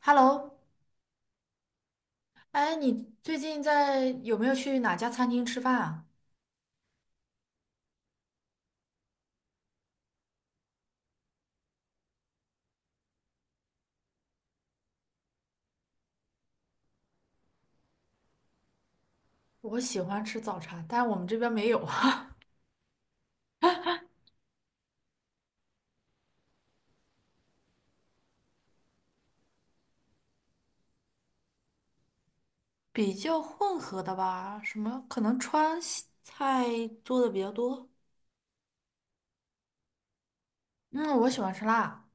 Hello，哎，你最近在有没有去哪家餐厅吃饭啊？我喜欢吃早茶，但是我们这边没有啊。比较混合的吧，什么可能川西菜做的比较多。嗯，我喜欢吃辣，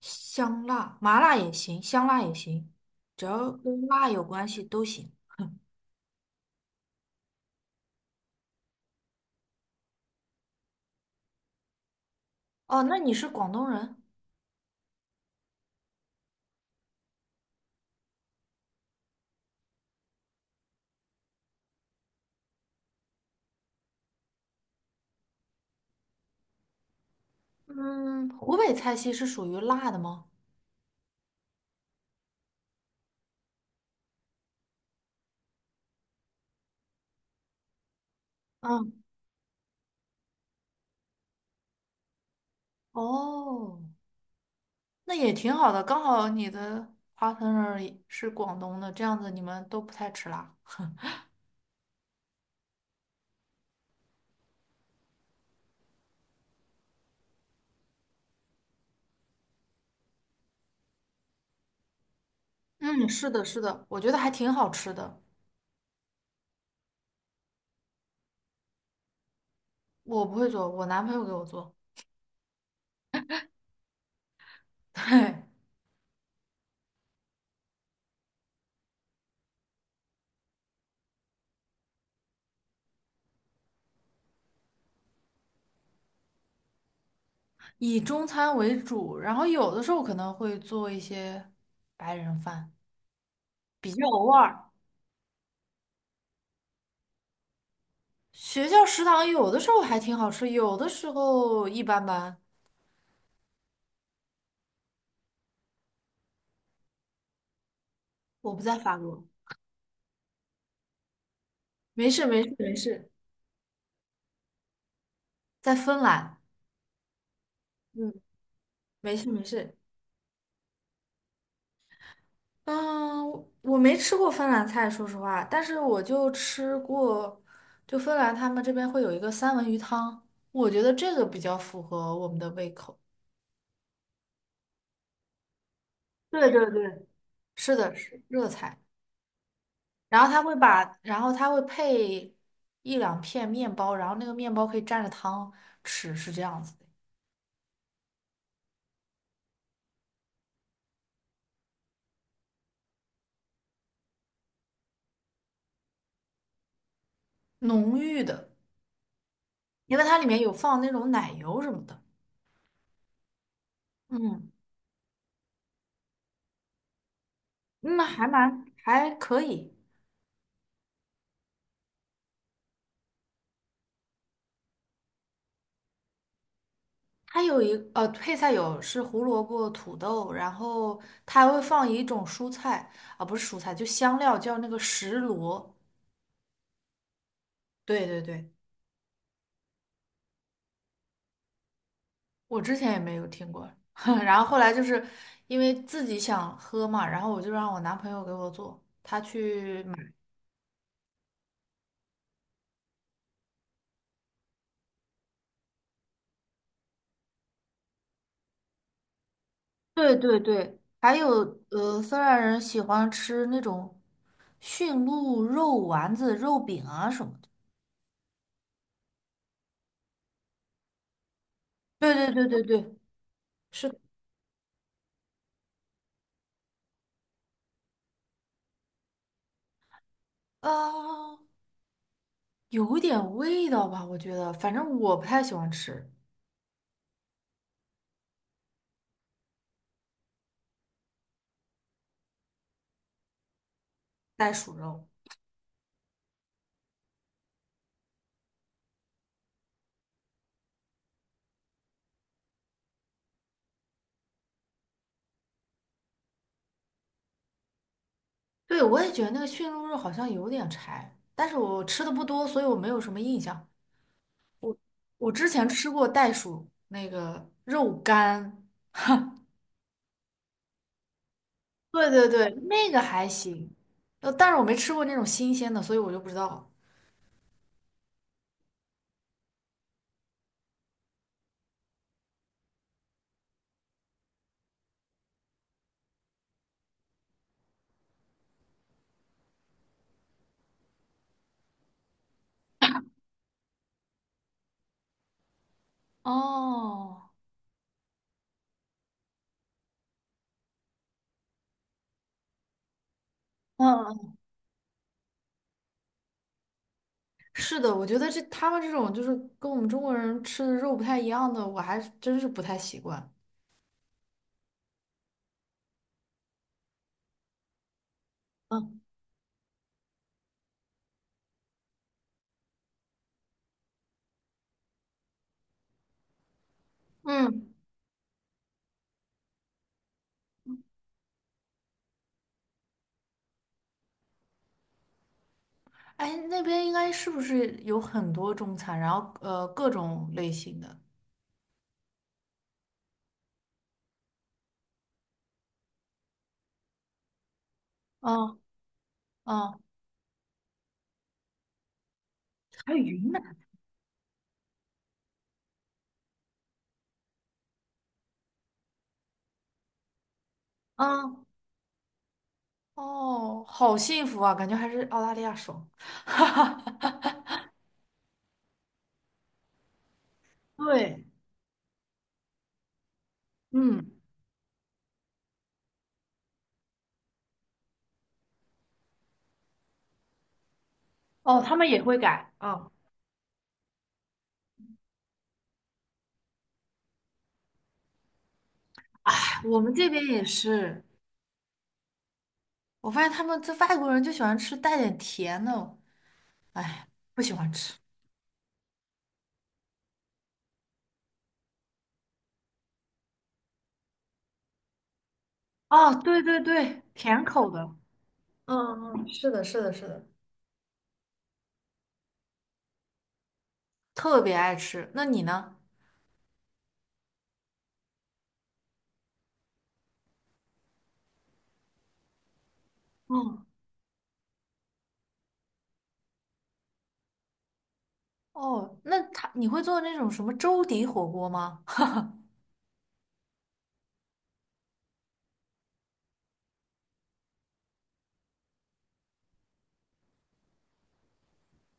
香辣、麻辣也行，香辣也行，只要跟辣有关系都行。哦，那你是广东人？嗯，湖北菜系是属于辣的吗？嗯，哦。那也挺好的，刚好你的 partner 也是广东的，这样子你们都不太吃辣。嗯，是的，是的，我觉得还挺好吃的。我不会做，我男朋友给我做。对，以中餐为主，然后有的时候可能会做一些白人饭，比较偶尔。学校食堂有的时候还挺好吃，有的时候一般般。我不在法国，没事没事没事，在芬兰。嗯，没事没事。嗯，我没吃过芬兰菜，说实话，但是我就吃过，就芬兰他们这边会有一个三文鱼汤，我觉得这个比较符合我们的胃口。对对对，是的，是热菜，然后他会把，然后他会配一两片面包，然后那个面包可以蘸着汤吃，是这样子的，浓郁的，因为它里面有放那种奶油什么的。嗯，那还蛮还可以。它有配菜有是胡萝卜、土豆，然后它还会放一种蔬菜啊，不是蔬菜，就香料叫那个石螺。对对对，我之前也没有听过。然后后来就是因为自己想喝嘛，然后我就让我男朋友给我做，他去买。对对对，还有芬兰人喜欢吃那种驯鹿肉丸子、肉饼啊什么的。对对对对对，是啊。有点味道吧，我觉得，反正我不太喜欢吃袋鼠肉。对，我也觉得那个驯鹿肉好像有点柴，但是我吃的不多，所以我没有什么印象。我之前吃过袋鼠那个肉干，对对对，那个还行。呃，但是我没吃过那种新鲜的，所以我就不知道。哦，嗯，是的，我觉得这他们这种就是跟我们中国人吃的肉不太一样的，我还真是不太习惯。嗯，嗯。哎，那边应该是不是有很多中餐，然后呃各种类型的？嗯嗯。还有云南，嗯，哦，好幸福啊，感觉还是澳大利亚爽。哈哈哈，对，嗯，哦，他们也会改啊，我们这边也是，我发现他们这外国人就喜欢吃带点甜的，哎，不喜欢吃。哦，对对对，甜口的，嗯嗯，是的，是的，是的，特别爱吃。那你呢？嗯。哦，那他你会做那种什么粥底火锅吗？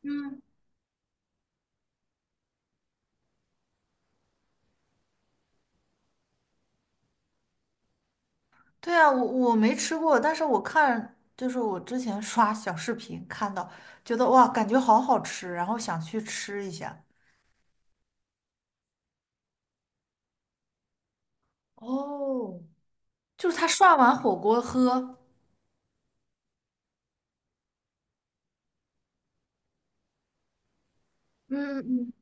嗯，对啊，我没吃过，但是我看就是我之前刷小视频看到，觉得哇，感觉好好吃，然后想去吃一下。哦，就是他涮完火锅喝，嗯嗯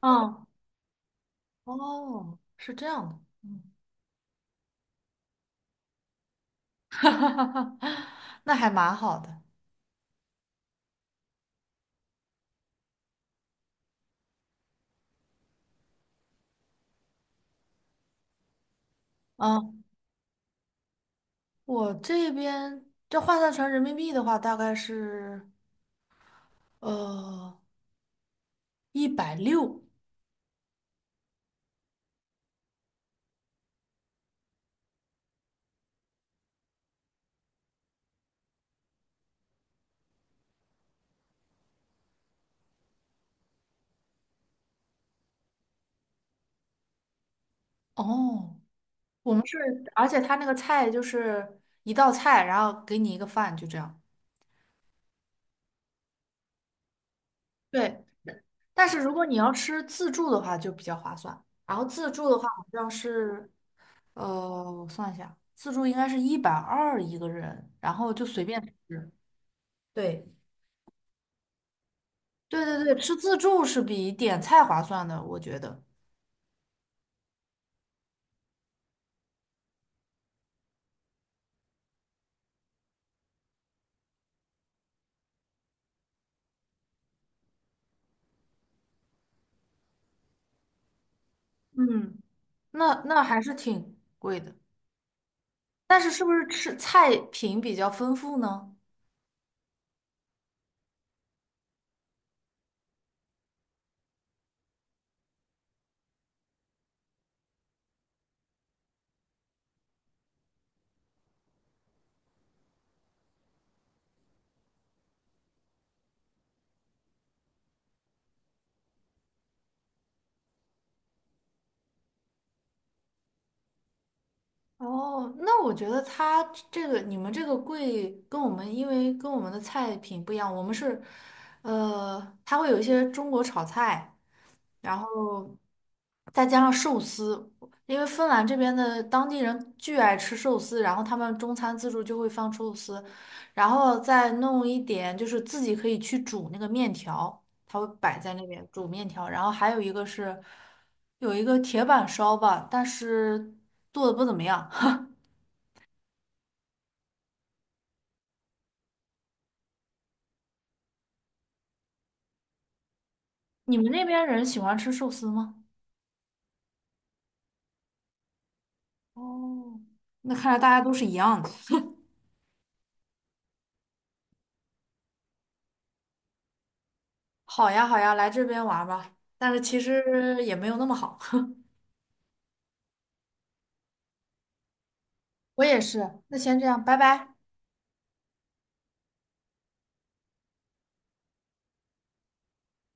嗯，嗯哦，是这样的，嗯。那还蛮好的。啊，我这边这换算成人民币的话，大概是呃一百六。160哦。我们是，而且他那个菜就是一道菜，然后给你一个饭，就这样。对，但是如果你要吃自助的话，就比较划算。然后自助的话，好像是，呃，我算一下，自助应该是120一个人，然后就随便吃。对，对对对，吃自助是比点菜划算的，我觉得。嗯，那那还是挺贵的，但是是不是吃菜品比较丰富呢？哦，那我觉得它这个你们这个贵跟我们，因为跟我们的菜品不一样，我们是，呃，它会有一些中国炒菜，然后再加上寿司，因为芬兰这边的当地人巨爱吃寿司，然后他们中餐自助就会放寿司，然后再弄一点就是自己可以去煮那个面条，它会摆在那边煮面条，然后还有一个是有一个铁板烧吧，但是做的不怎么样。你们那边人喜欢吃寿司吗？哦，那看来大家都是一样的。好呀，好呀，来这边玩儿吧。但是其实也没有那么好。我也是，那先这样，拜拜。